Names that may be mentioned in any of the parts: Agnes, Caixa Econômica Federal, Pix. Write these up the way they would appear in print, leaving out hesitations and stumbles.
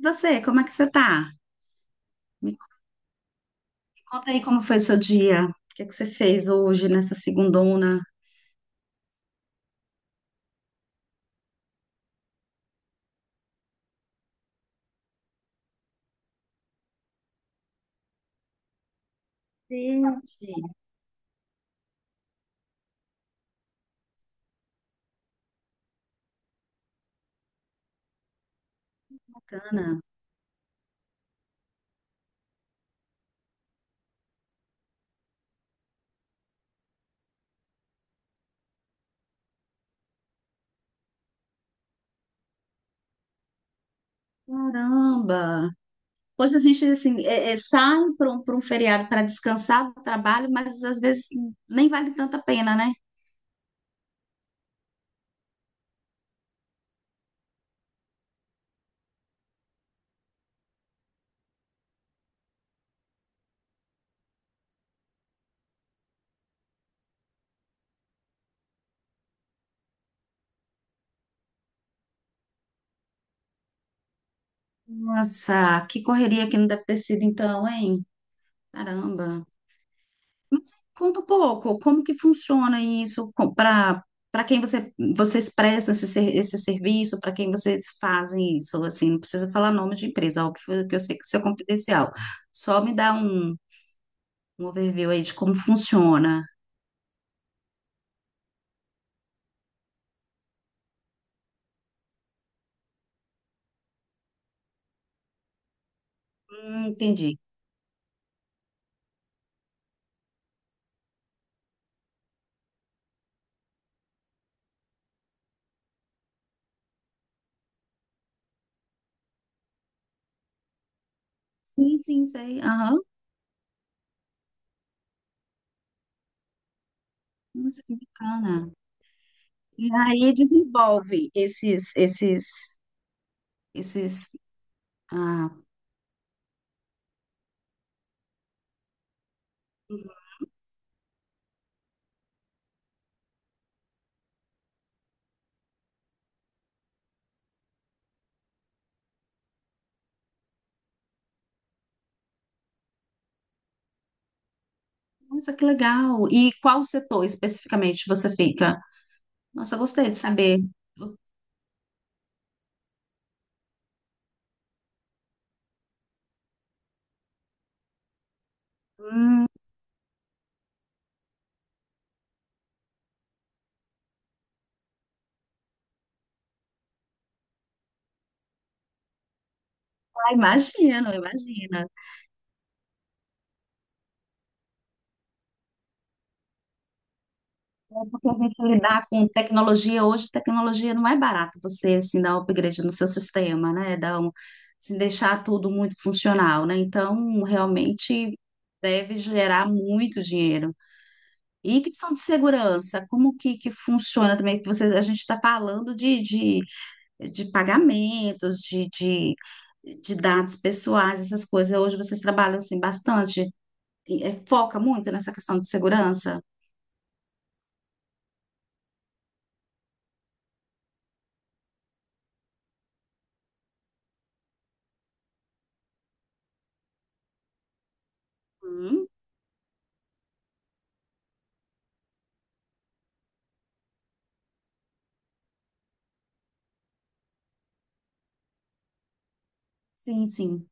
Você, como é que você tá? Me conta aí como foi seu dia. O que é que você fez hoje nessa segundona? Gente, bacana. Caramba! Hoje a gente, assim, sai para pra um feriado para descansar do trabalho, mas às vezes nem vale tanta pena, né? Nossa, que correria que não deve ter sido então, hein? Caramba! Mas conta um pouco, como que funciona isso para quem vocês prestam esse serviço, para quem vocês fazem isso, assim, não precisa falar nome de empresa, óbvio que eu sei que isso é confidencial. Só me dá um overview aí de como funciona. Entendi. Sim, sim, sei. Aham. Nossa, que bacana. E aí desenvolve esses ah, nossa, que legal. E qual setor especificamente você fica? Nossa, eu gostei de saber. Hum, ah, imagino, imagina. Porque a gente lidar com tecnologia hoje, tecnologia não é barato você assim, dar um upgrade no seu sistema, né? Deixar tudo muito funcional, né? Então, realmente deve gerar muito dinheiro. E questão de segurança, como que funciona também? Que vocês, a gente está falando de pagamentos, de dados pessoais, essas coisas. Hoje vocês trabalham assim bastante. E, é, foca muito nessa questão de segurança? Hum, sim, sim.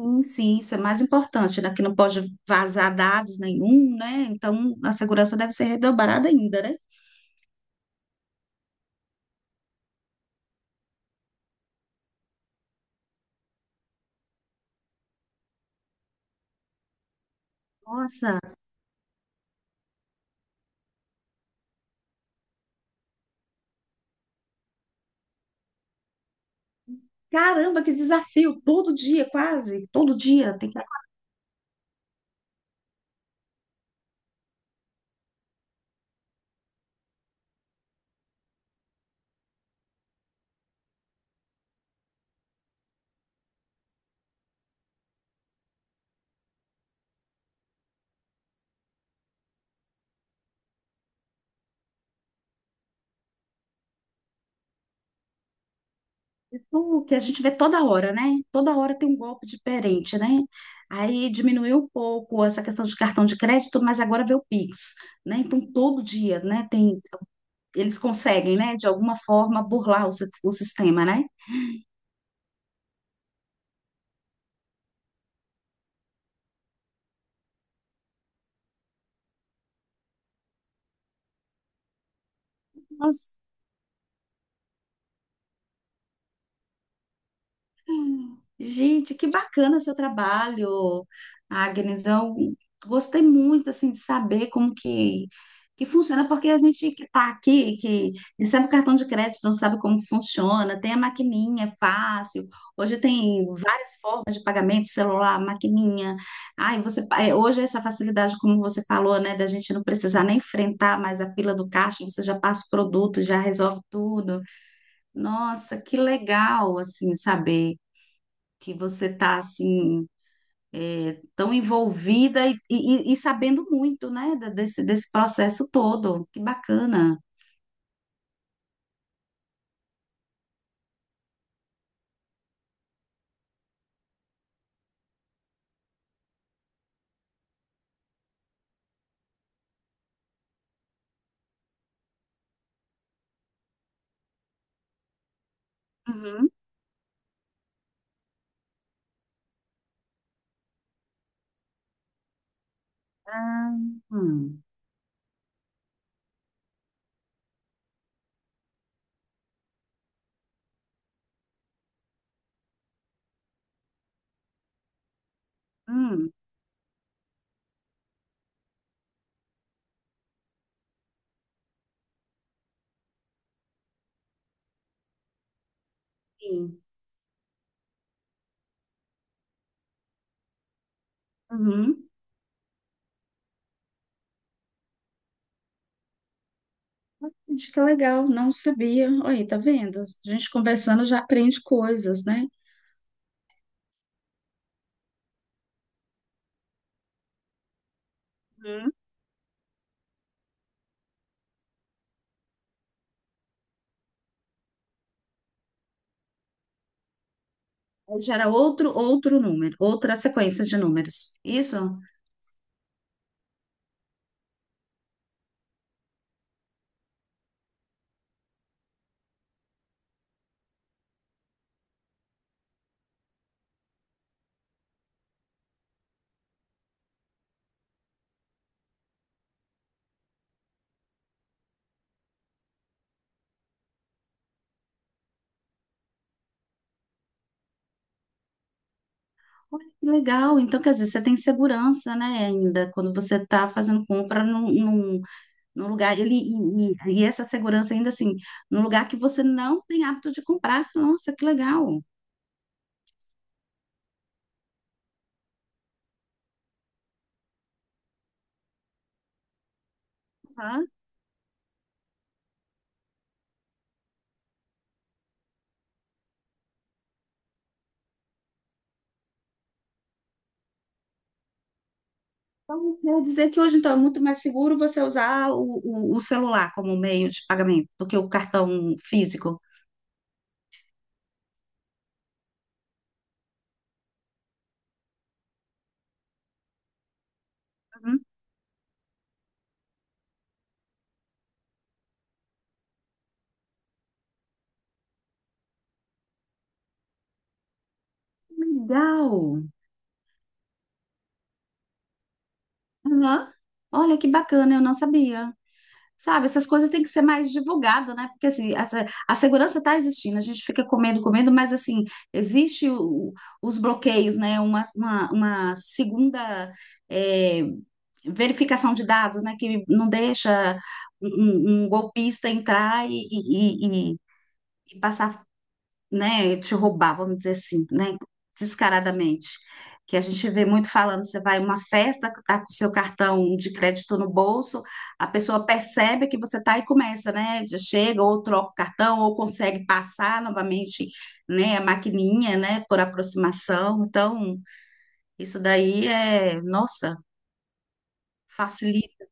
Sim, sim, isso é mais importante, né? Que não pode vazar dados nenhum, né? Então, a segurança deve ser redobrada ainda, né? Nossa, caramba, que desafio! Todo dia, quase, todo dia tem que isso que a gente vê toda hora, né? Toda hora tem um golpe diferente, né? Aí diminuiu um pouco essa questão de cartão de crédito, mas agora vê o Pix, né? Então, todo dia, né? Tem, eles conseguem, né? De alguma forma burlar o sistema, né? Nossa. Gente, que bacana seu trabalho, Agnes. Eu gostei muito assim de saber como que funciona, porque a gente que está aqui, que recebe o cartão de crédito, não sabe como que funciona, tem a maquininha, é fácil. Hoje tem várias formas de pagamento, celular, maquininha. Ai, hoje é essa facilidade, como você falou, né, da gente não precisar nem enfrentar mais a fila do caixa, você já passa o produto, já resolve tudo. Nossa, que legal assim saber que você está assim é, tão envolvida e sabendo muito, né, desse, desse processo todo. Que bacana. Uhum. Ah, hum, hum, sim. Uhum. Gente, que legal, não sabia. Olha, aí, tá vendo? A gente conversando já aprende coisas, né? Uhum. Aí gera outro número, outra sequência de números. Isso? Olha, que legal. Então, quer dizer, você tem segurança, né, ainda, quando você está fazendo compra no lugar e essa segurança ainda assim, num lugar que você não tem hábito de comprar. Nossa, que legal. Aham. Então, quer dizer que hoje, então, é muito mais seguro você usar o celular como meio de pagamento do que o cartão físico. Uhum. Legal. Aham. Olha que bacana, eu não sabia. Sabe, essas coisas têm que ser mais divulgadas, né? Porque assim, essa, a segurança está existindo, a gente fica comendo, comendo, mas assim, existe os bloqueios, né? Uma segunda é, verificação de dados, né? Que não deixa um, um golpista entrar e passar, né, te roubar, vamos dizer assim, né, descaradamente. Que a gente vê muito falando, você vai a uma festa, tá com o seu cartão de crédito no bolso, a pessoa percebe que você tá e começa, né? Já chega, ou troca o cartão, ou consegue passar novamente, né, a maquininha, né, por aproximação. Então, isso daí é, nossa, facilita.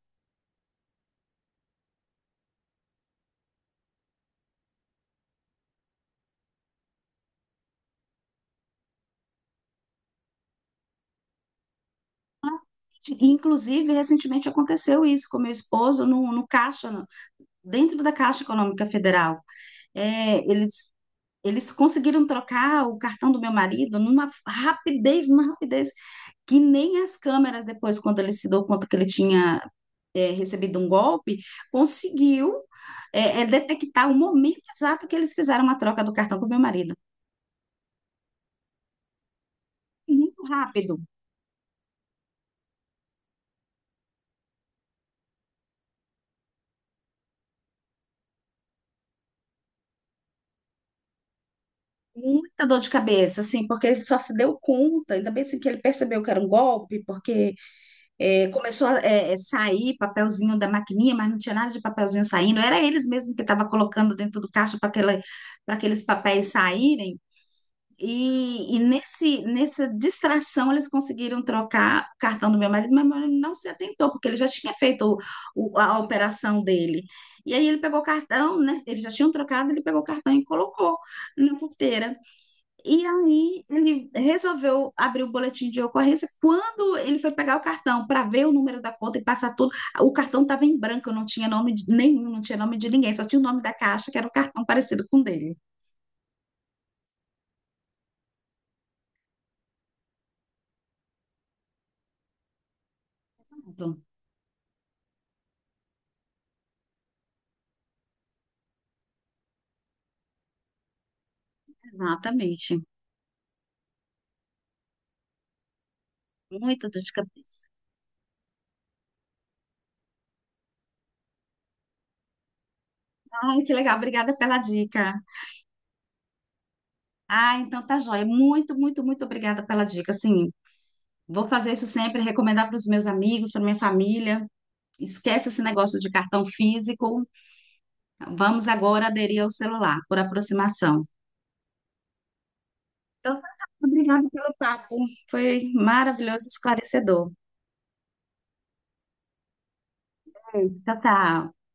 Inclusive, recentemente aconteceu isso com meu esposo no caixa, dentro da Caixa Econômica Federal. É, eles. Eles conseguiram trocar o cartão do meu marido numa rapidez, que nem as câmeras, depois, quando ele se deu conta que ele tinha é, recebido um golpe, conseguiu detectar o momento exato que eles fizeram a troca do cartão com o meu marido. Muito rápido, muita dor de cabeça, assim, porque ele só se deu conta, ainda bem assim, que ele percebeu que era um golpe, porque é, começou a sair papelzinho da maquininha, mas não tinha nada de papelzinho saindo. Era eles mesmo que estavam colocando dentro do caixa para aquela, para aqueles papéis saírem. E nessa distração eles conseguiram trocar o cartão do meu marido, mas meu marido não se atentou, porque ele já tinha feito a operação dele. E aí ele pegou o cartão, né? Eles já tinham trocado, ele pegou o cartão e colocou na carteira. E aí ele resolveu abrir o boletim de ocorrência. Quando ele foi pegar o cartão para ver o número da conta e passar tudo, o cartão estava em branco, não tinha nome de nenhum, não tinha nome de ninguém, só tinha o nome da caixa, que era um cartão parecido com o dele. Pronto. Exatamente. Muito dor de cabeça. Ai, que legal, obrigada pela dica. Ah, então tá joia. Muito, muito, muito obrigada pela dica. Assim, vou fazer isso sempre, recomendar para os meus amigos, para minha família. Esquece esse negócio de cartão físico. Vamos agora aderir ao celular, por aproximação. Então, tá, obrigada pelo papo. Foi maravilhoso, esclarecedor. É. Tchau, tchau.